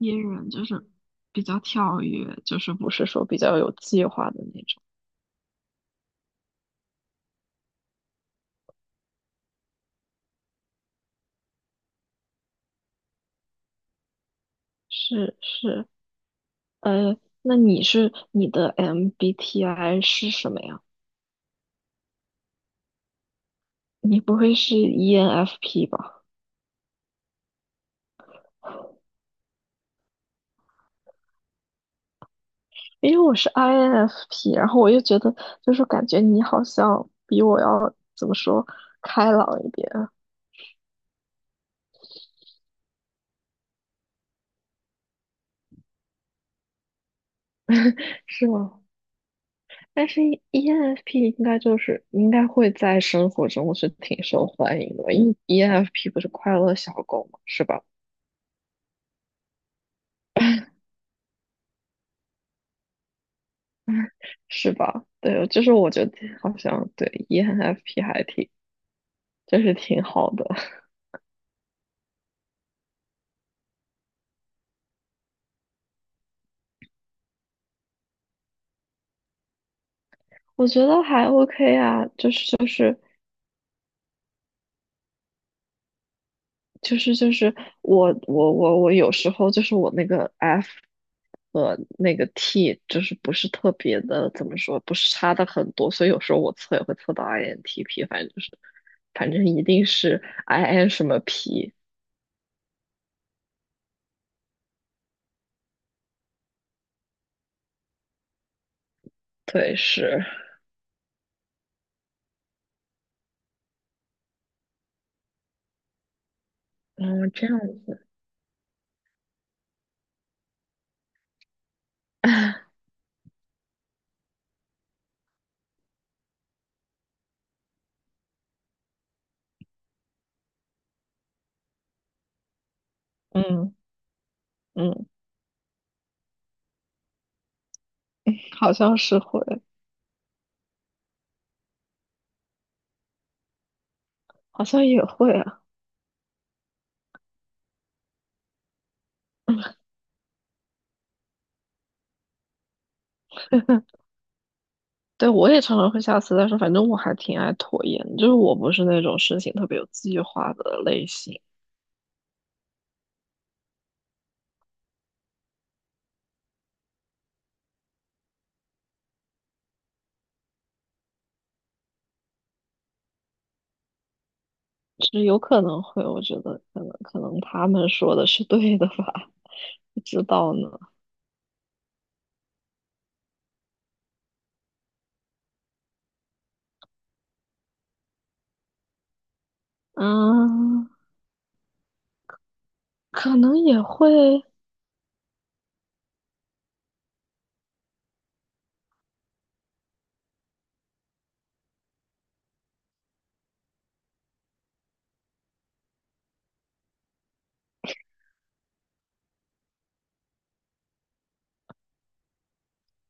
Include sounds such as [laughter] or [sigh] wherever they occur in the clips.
E 人就是比较跳跃，就是不是说比较有计划的那种。是是，呃，那你的 MBTI 是什么呀？你不会是 ENFP 吧？因为我是 INFP，然后我又觉得就是感觉你好像比我要怎么说开朗一点，是吗？但是 ENFP 应该会在生活中是挺受欢迎的，因为 ENFP 不是快乐小狗嘛，是吧？是吧？对，就是我觉得好像对 ENFP 就是挺好的，[laughs] 我觉得还 OK 啊，就是我有时候就是我那个 F 和那个 T 就是不是特别的，怎么说，不是差的很多，所以有时候我测也会测到 INTP，反正一定是 IN 什么 P，对，是，嗯，这样，[laughs] 嗯嗯，好像是会，好像也会啊。[laughs] 对，我也常常会下次，但是反正我还挺爱拖延，就是我不是那种事情特别有计划的类型，就是有可能会，我觉得可能他们说的是对的吧，[laughs] 不知道呢，嗯，可能也会，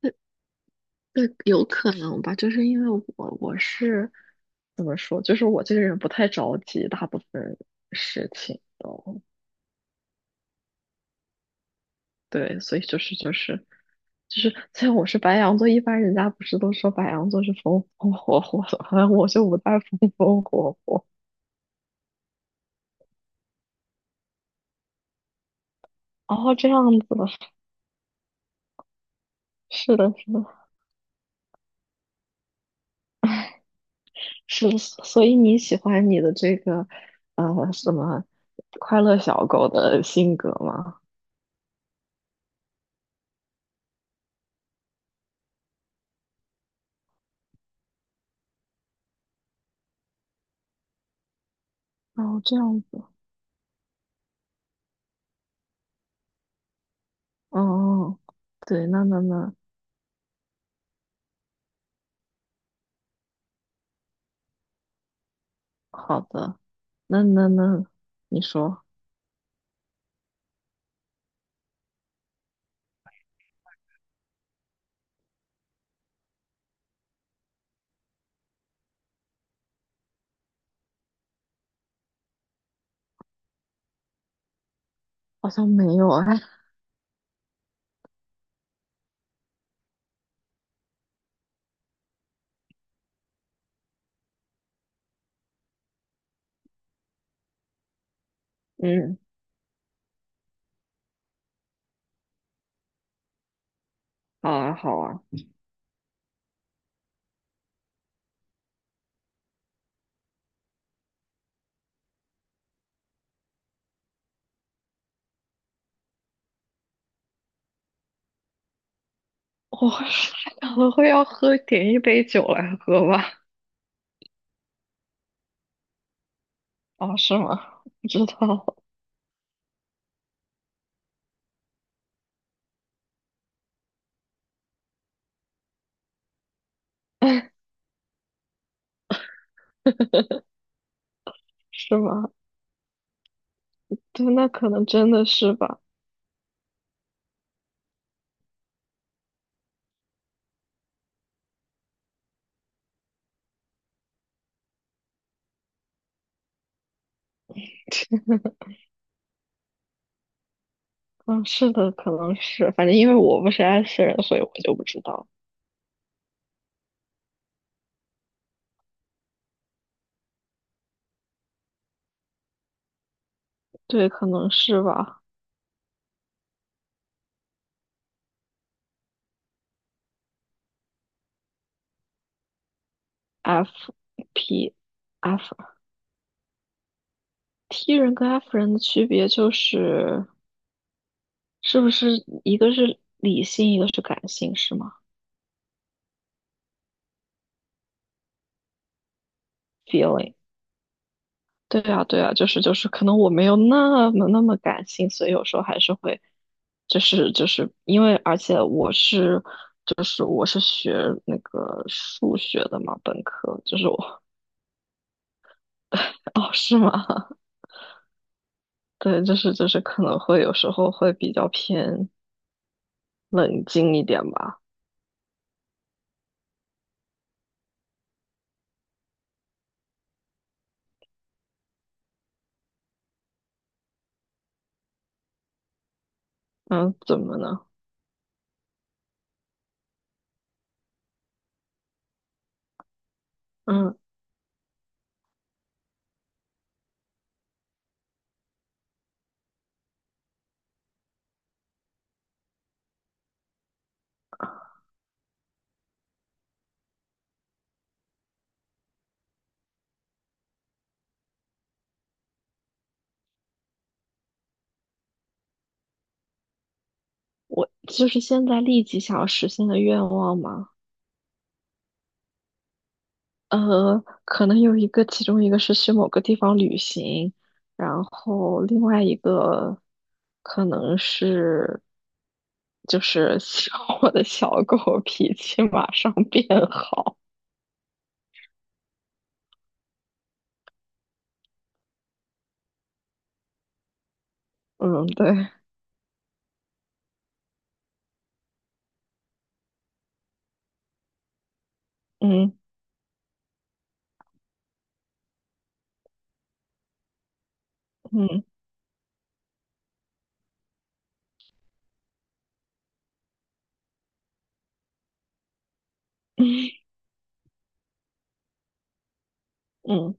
对对，有可能吧，就是因为我是怎么说，就是我这个人不太着急大部分事情都，对，所以就是，虽然我是白羊座，一般人家不是都说白羊座是风风火火的，好像我就不太风风火火。哦，这样子，的，是的，是的，是的，所以你喜欢你的这个呃什么快乐小狗的性格吗？哦，这样子，哦，对，那，好的，那，你说，好像没有啊，嗯，好啊，好啊，我 [laughs] 可能会要喝点一杯酒来喝吧。哦，是吗？不知道，[laughs] 是吗？对，那可能真的是吧。嗯，是的，可能是，反正因为我不是 S 人，所以我就不知道。对，可能是吧。F， P， F， T 人跟 F 人的区别就是，是不是一个是理性，一个是感性，是吗？feeling。对啊，对啊，就是，可能我没有那么那么感性，所以有时候还是会，就是因为，而且我是学那个数学的嘛，本科就是我 [laughs] 哦，是吗？[laughs] 对，就是可能会有时候会比较偏冷静一点吧。嗯，怎么呢？嗯，我就是现在立即想要实现的愿望吗？呃，可能有一个，其中一个是去某个地方旅行，然后另外一个可能是就是希望我的小狗脾气马上变好。嗯，对，嗯嗯嗯，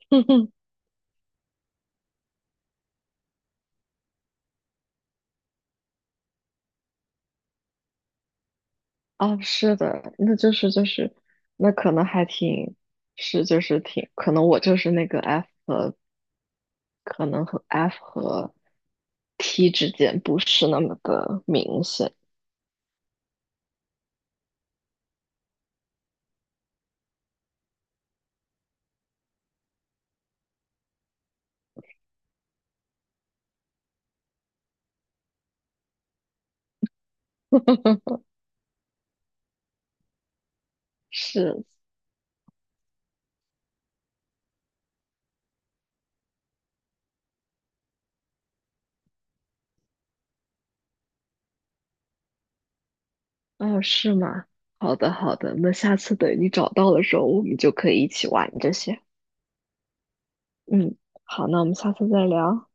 [laughs] 哼哼，啊，是的，那就是，那可能还挺是就是挺，可能我就是那个 F 和可能和 T 之间不是那么的明显。[laughs] 是，哦，是吗？好的，好的，那下次等你找到的时候，我们就可以一起玩这些。嗯，好，那我们下次再聊。